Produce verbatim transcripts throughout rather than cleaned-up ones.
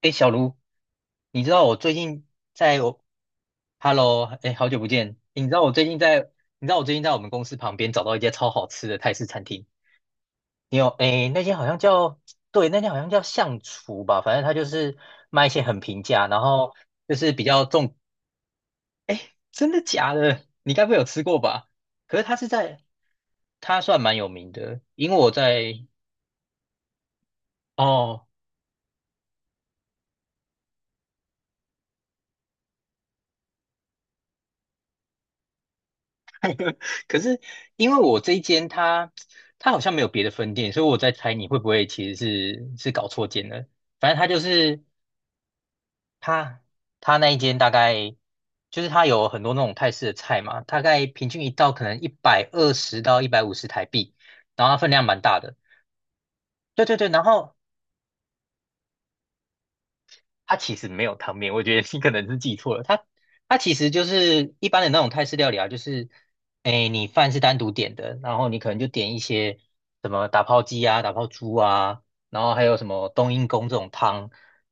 哎，小卢，你知道我最近在我，Hello，哎，好久不见。诶你知道我最近在，你知道我最近在我们公司旁边找到一家超好吃的泰式餐厅。你有，哎，那间好像叫，对，那间好像叫象厨吧，反正它就是卖一些很平价，然后就是比较重。哎，真的假的？你该不会有吃过吧？可是它是在，它算蛮有名的，因为我在，哦。可是因为我这一间它它好像没有别的分店，所以我在猜你会不会其实是是搞错间了。反正它就是它它那一间大概就是它有很多那种泰式的菜嘛，大概平均一道可能一百二十到一百五十台币，然后它分量蛮大的。对对对，然后它其实没有汤面，我觉得你可能是记错了。它它其实就是一般的那种泰式料理啊，就是哎，你饭是单独点的，然后你可能就点一些什么打泡鸡啊、打泡猪啊，然后还有什么冬阴功这种汤，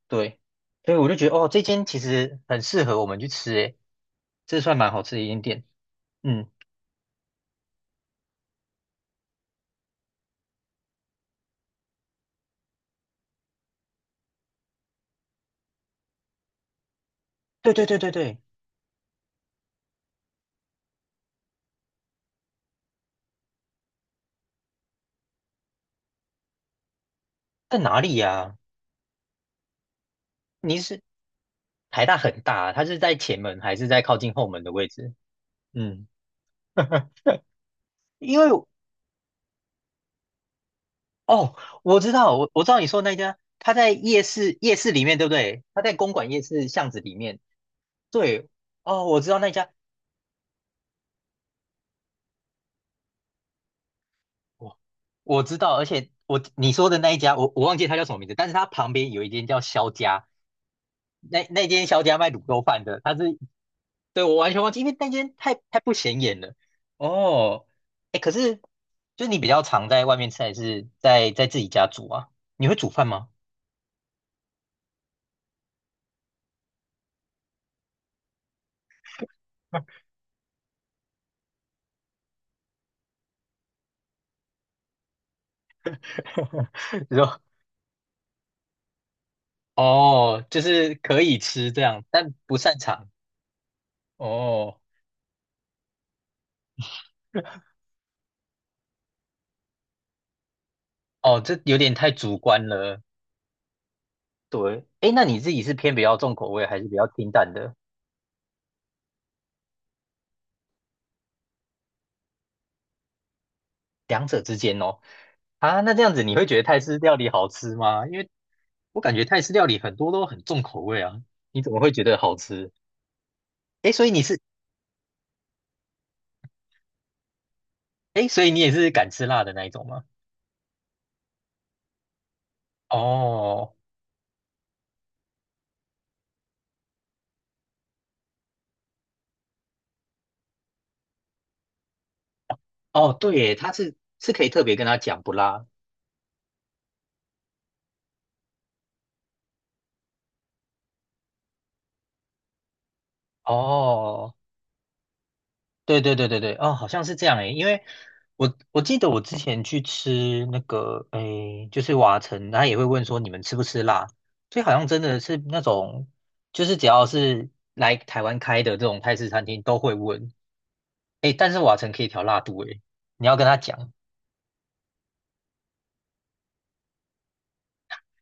对，所以我就觉得哦，这间其实很适合我们去吃，诶，这算蛮好吃的一间店。嗯，对对对对对，在哪里呀、你是台大很大啊，它是在前门还是在靠近后门的位置？嗯。因为哦，我知道，我我知道你说的那家，他在夜市夜市里面，对不对？他在公馆夜市巷子里面。对，哦，我知道那家，我我知道，而且我你说的那一家，我我忘记他叫什么名字，但是他旁边有一间叫肖家，那那间肖家卖卤肉饭的，他是，对，我完全忘记，因为那间太太不显眼了。哦，哎，可是就是你比较常在外面吃，还是在在自己家煮啊？你会煮饭吗？你说哦，就是可以吃这样，但不擅长。哦 哦，这有点太主观了。对，哎，那你自己是偏比较重口味，还是比较清淡的？两者之间哦。啊，那这样子你会觉得泰式料理好吃吗？因为我感觉泰式料理很多都很重口味啊，你怎么会觉得好吃？哎，所以你是，哎，所以你也是敢吃辣的那一种吗？哦哦，对耶，他是是可以特别跟他讲不辣。哦对对对对对，哦，好像是这样诶，因为我我记得我之前去吃那个诶，就是瓦城，他也会问说你们吃不吃辣，所以好像真的是那种，就是只要是来台湾开的这种泰式餐厅都会问，诶，但是瓦城可以调辣度诶，你要跟他讲。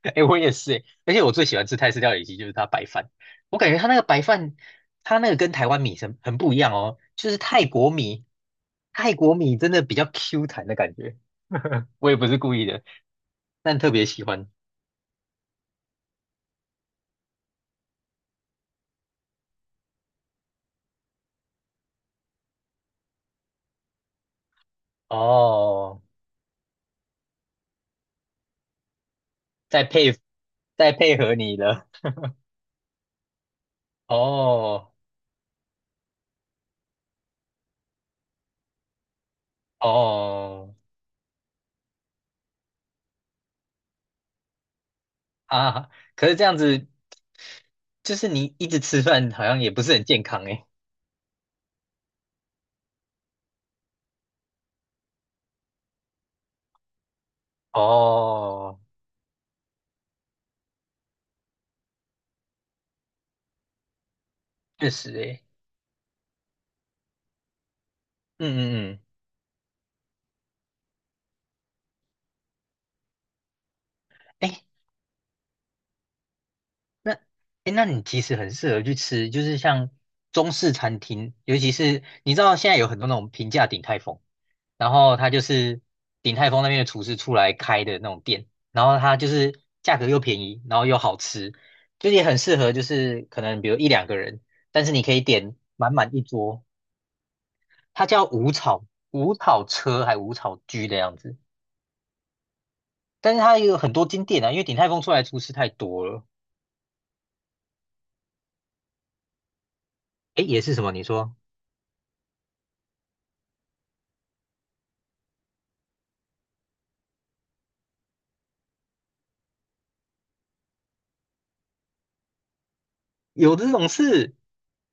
哎、我也是哎、而且我最喜欢吃泰式料理机就是它白饭，我感觉它那个白饭，它那个跟台湾米很很不一样哦，就是泰国米，泰国米真的比较 Q 弹的感觉，我也不是故意的，但特别喜欢哦，再配再配合你的哦哦啊，可是这样子就是你一直吃饭好像也不是很健康哎，哦，确实哎，嗯嗯嗯。哎，那，诶，那你其实很适合去吃，就是像中式餐厅，尤其是你知道现在有很多那种平价鼎泰丰，然后它就是鼎泰丰那边的厨师出来开的那种店，然后它就是价格又便宜，然后又好吃，就是也很适合，就是可能比如一两个人，但是你可以点满满一桌，它叫五草五草车还五草居的样子，但是它有很多间店啊，因为鼎泰丰出来的厨师太多了，诶，也是什么你说？有这种事？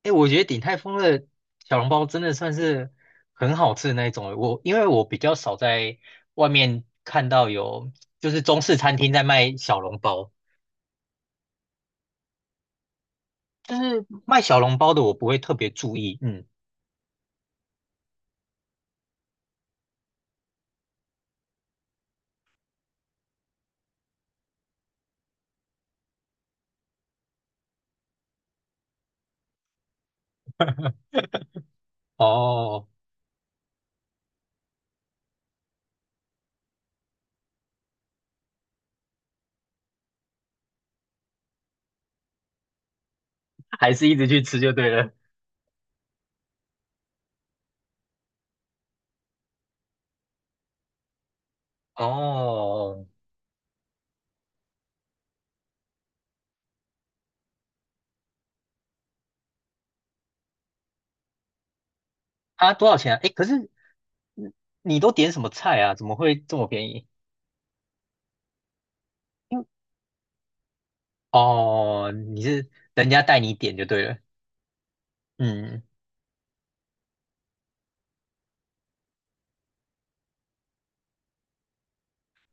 哎，我觉得鼎泰丰的小笼包真的算是很好吃的那一种。我因为我比较少在外面看到有就是中式餐厅在卖小笼包，就是卖小笼包的我不会特别注意。嗯，哦，还是一直去吃就对了。哦，啊，多少钱啊？哎，可是你你都点什么菜啊？怎么会这么便宜？因为哦，你是人家带你点就对了。嗯。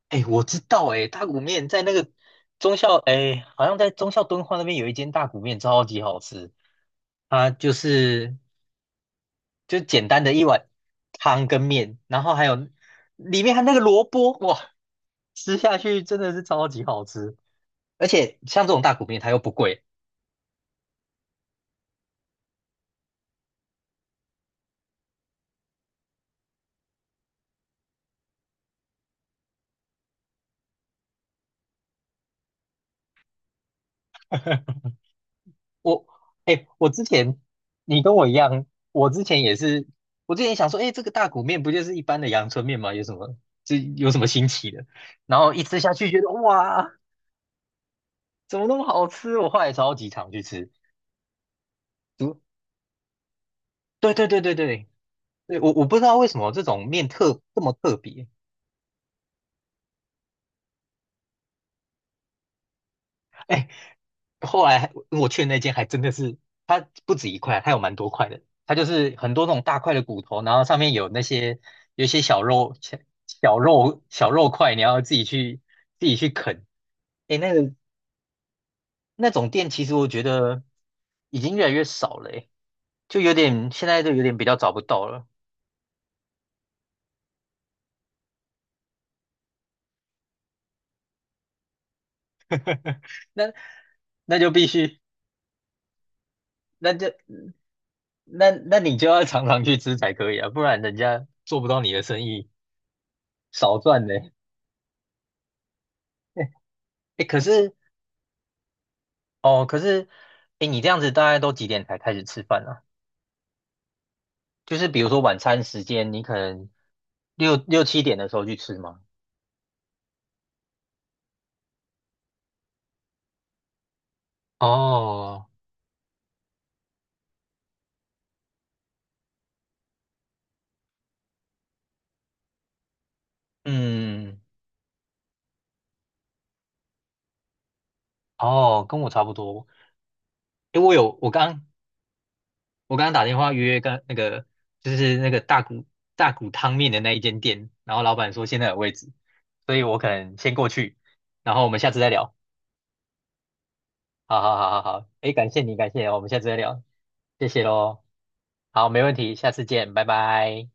哎，我知道哎，大骨面在那个忠孝哎，好像在忠孝敦煌那边有一间大骨面，超级好吃。它就是就简单的一碗汤跟面，然后还有里面还有那个萝卜，哇，吃下去真的是超级好吃。而且像这种大骨面，它又不贵。我哎，我之前你跟我一样，我之前也是，我之前想说，哎，这个大骨面不就是一般的阳春面吗？有什么这有什么新奇的？然后一吃下去，觉得哇。怎么那么好吃？我后来超级常去吃。嗯对对对对对，对我我不知道为什么这种面特这么特别。哎，后来我去的那间还真的是，它不止一块，它有蛮多块的。它就是很多那种大块的骨头，然后上面有那些有一些小肉小小肉小肉块，你要自己去自己去啃。哎，那个那种店其实我觉得已经越来越少了，哎，就有点现在就有点比较找不到了。那那就必须，那就那那你就要常常去吃才可以啊，不然人家做不到你的生意，少赚呢。哎，可是哦，可是哎，你这样子大概都几点才开始吃饭啊？就是比如说晚餐时间，你可能六六七点的时候去吃吗？哦嗯，哦，跟我差不多。哎，我有我刚我刚刚打电话约跟那个就是那个大骨大骨汤面的那一间店，然后老板说现在有位置，所以我可能先过去，然后我们下次再聊。好好好好好，哎，感谢你，感谢你，我们下次再聊，谢谢喽。好，没问题，下次见，拜拜。